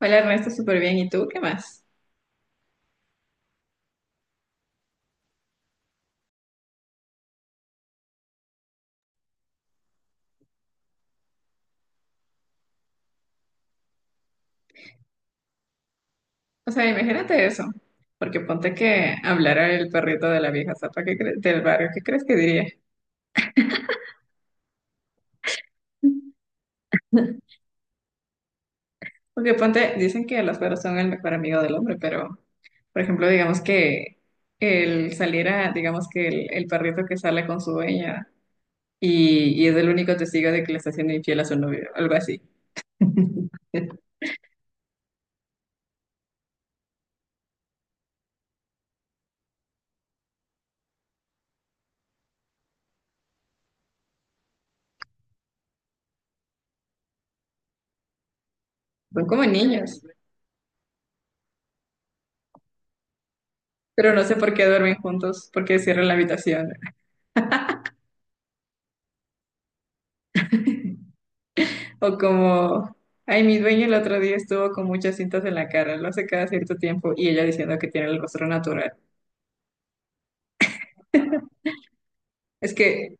Hola Ernesto, súper bien. ¿Y tú qué más? O sea, imagínate eso. Porque ponte que hablara el perrito de la vieja zapa del barrio, ¿qué crees que diría? Porque ponte, dicen que los perros son el mejor amigo del hombre, pero, por ejemplo, digamos que él saliera, digamos que el perrito que sale con su dueña y es el único testigo de que le está haciendo infiel a su novio, algo así. Son como niños, pero no sé por qué duermen juntos, porque cierran la habitación. O como, ay, mi dueño el otro día estuvo con muchas cintas en la cara, lo hace cada cierto tiempo, y ella diciendo que tiene el rostro natural. Es que,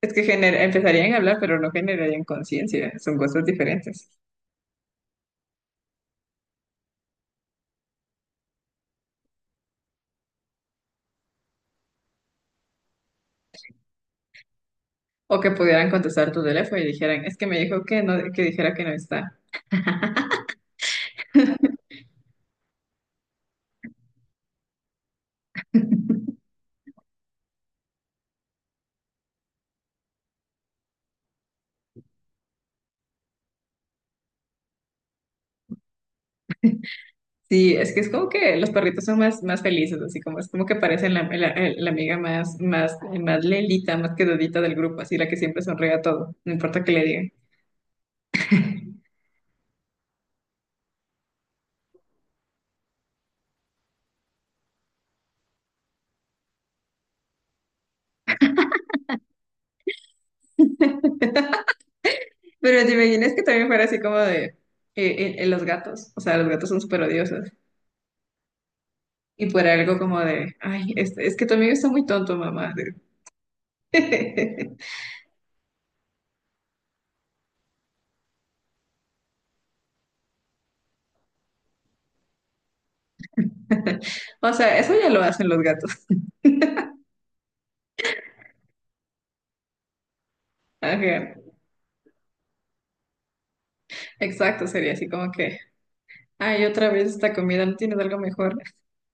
empezarían a hablar, pero no generarían conciencia, son cosas diferentes. O que pudieran contestar tu teléfono y dijeran, es que me dijo que no, que dijera que no está. Sí, es que es como que los perritos son más, más felices, así como es como que parecen la amiga más, más, más lelita, más quedadita del grupo, así la que siempre sonríe a todo, no importa qué le digan. Pero te imaginas que también fuera así como de los gatos. O sea, los gatos son súper odiosos. Y fuera algo como de, ay, es que tu amigo está muy tonto, mamá. O sea, eso ya lo hacen los gatos. Ajá. Exacto, sería así como que, ay, otra vez esta comida, ¿no tienes algo mejor?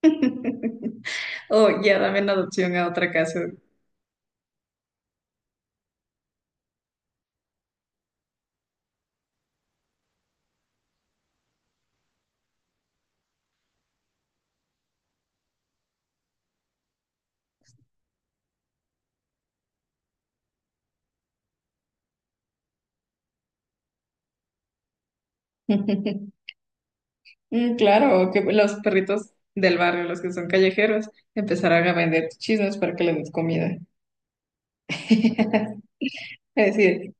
O ya dame en adopción a otra casa. Mm, claro, o que los perritos del barrio, los que son callejeros, empezarán a vender chismes para que les des comida. Es decir,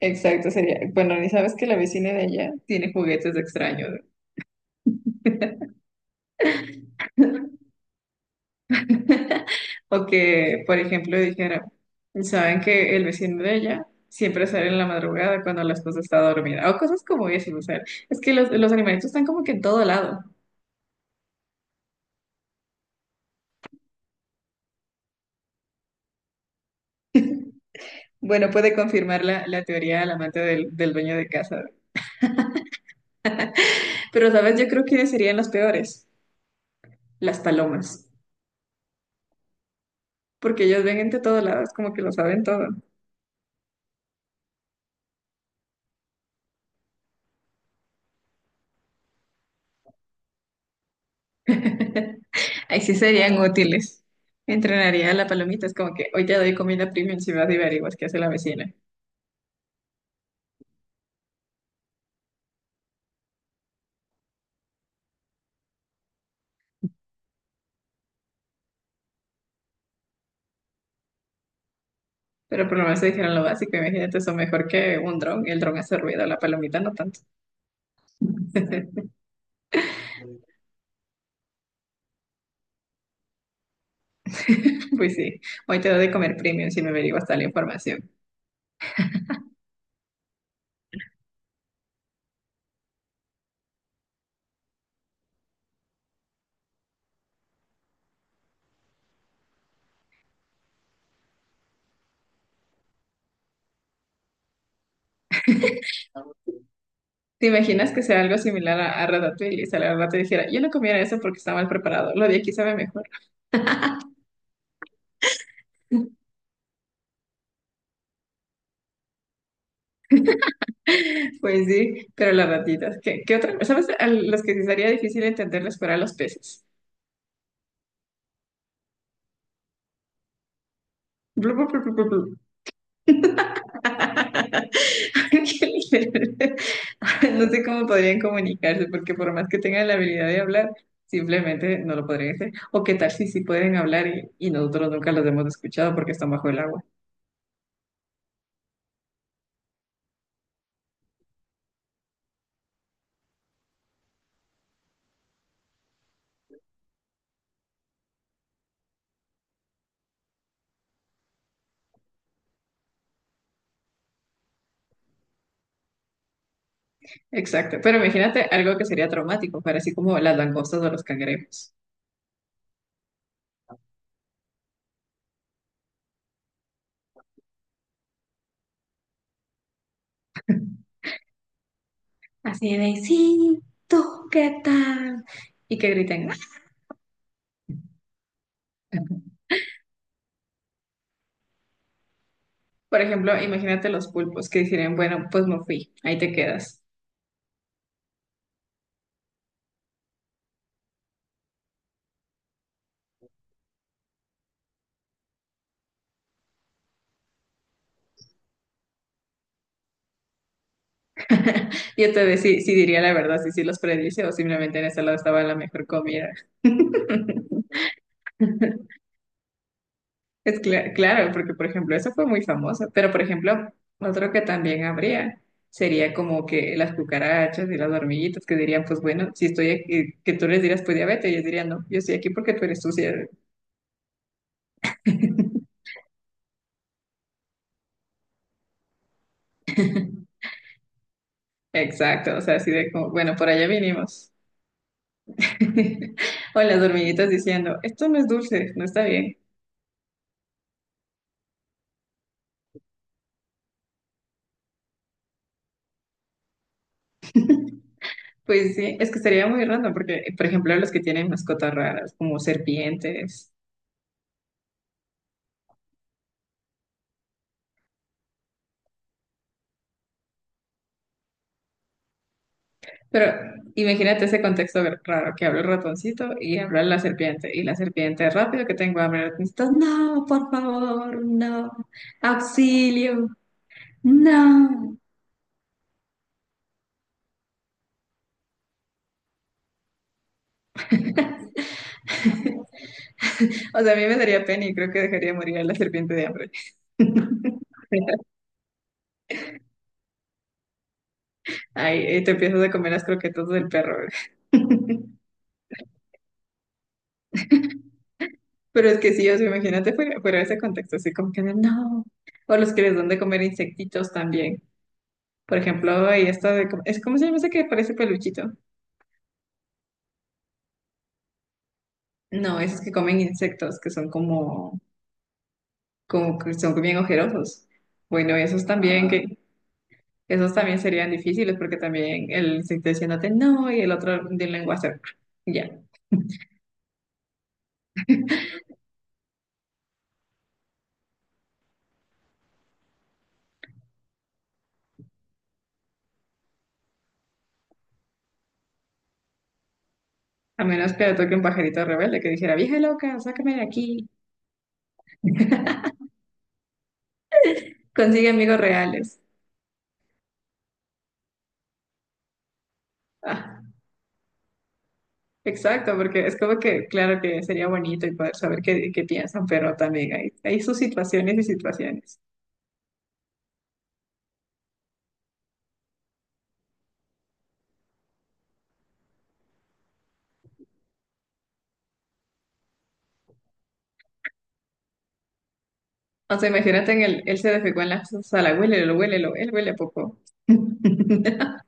exacto, sería, bueno, ni sabes que la vecina de allá tiene juguetes extraños. O que, por ejemplo, dijera, saben que el vecino de ella siempre sale en la madrugada cuando la esposa está dormida, o cosas como eso, o sea, es que los animalitos están como que en todo lado. Bueno, puede confirmar la teoría del amante del dueño de casa. Pero, ¿sabes? Yo creo que serían los peores, las palomas, porque ellos ven entre todos lados, como que lo saben todo. Ahí sí serían útiles. Entrenaría a la palomita, es como que hoy te doy comida premium si vas y averiguas qué hace la vecina. Pero por lo menos se dijeron lo básico, imagínate, eso mejor que un dron, el dron hace ruido, la palomita no tanto. Pues sí, hoy te doy de comer premium si me averiguas tal información. ¿Te imaginas que sea algo similar a Ratatouille? Y sale la rata y dijera, yo no comiera eso porque está mal preparado, lo de aquí sabe mejor. Pues sí, pero las ratitas, ¿qué, qué otra? ¿Sabes? A los que sí sería difícil entenderles fuera a los peces. Blu, blu, blu, blu, blu, blu. Ángel, no sé cómo podrían comunicarse, porque por más que tengan la habilidad de hablar, simplemente no lo podrían hacer. O qué tal si sí pueden hablar y nosotros nunca los hemos escuchado porque están bajo el agua. Exacto. Pero imagínate algo que sería traumático, para así como las langostas o los cangrejos. Así de, sí, tú, ¿qué tal? Y que griten. "Ah". Por ejemplo, imagínate los pulpos que dirían, bueno, pues no fui, ahí te quedas. Yo te decía, sí, sí diría la verdad, si sí los predice o simplemente en ese lado estaba la mejor comida. Claro, porque por ejemplo, eso fue muy famoso, pero por ejemplo, otro que también habría sería como que las cucarachas y las hormiguitas que dirían, pues bueno, si estoy aquí, que tú les dirás, pues diabetes, ellos dirían, no, yo estoy aquí porque tú eres sucia. Exacto, o sea, así de como, bueno, por allá vinimos. O las hormiguitas diciendo, esto no es dulce, no está bien. Pues sí, es que sería muy random porque, por ejemplo, los que tienen mascotas raras, como serpientes, pero imagínate ese contexto raro que habla el ratoncito y habla la serpiente, y la serpiente, rápido que tengo hambre, el ratoncito, no, por favor, no, avión, no. O sea, a mí me daría pena y creo que dejaría morir a la serpiente de hambre. Ay, te empiezas a comer las croquetas del perro. Pero es que sí, o sea, imagínate fuera de ese contexto, así como que no. O los que les dan de comer insectitos también. Por ejemplo, ahí está de, es ¿cómo se llama ese que parece peluchito? No, esos que comen insectos, que son como, como que son bien ojerosos. Bueno, esos también. Ah, que, esos también serían difíciles porque también el insecto diciéndote no y el otro de lengua hacer ya. A menos que le toque un pajarito rebelde que dijera, vieja loca, sácame de aquí, consigue amigos reales. Ah. Exacto, porque es como que, claro que sería bonito y poder saber qué, qué piensan, pero también hay sus situaciones y situaciones. O sea, imagínate en el, él se defecó en la sala, huélelo, huélelo, él huele poco.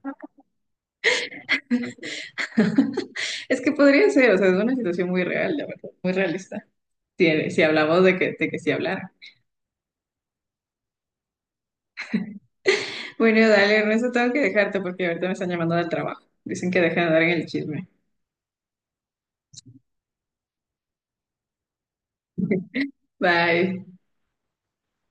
Es que podría ser, o sea, es una situación muy real, la verdad, muy realista. Si, si hablamos de que sí hablara. Bueno, dale, Ernesto, tengo que dejarte porque ahorita me están llamando del trabajo. Dicen que dejen de dar en el chisme. Bye.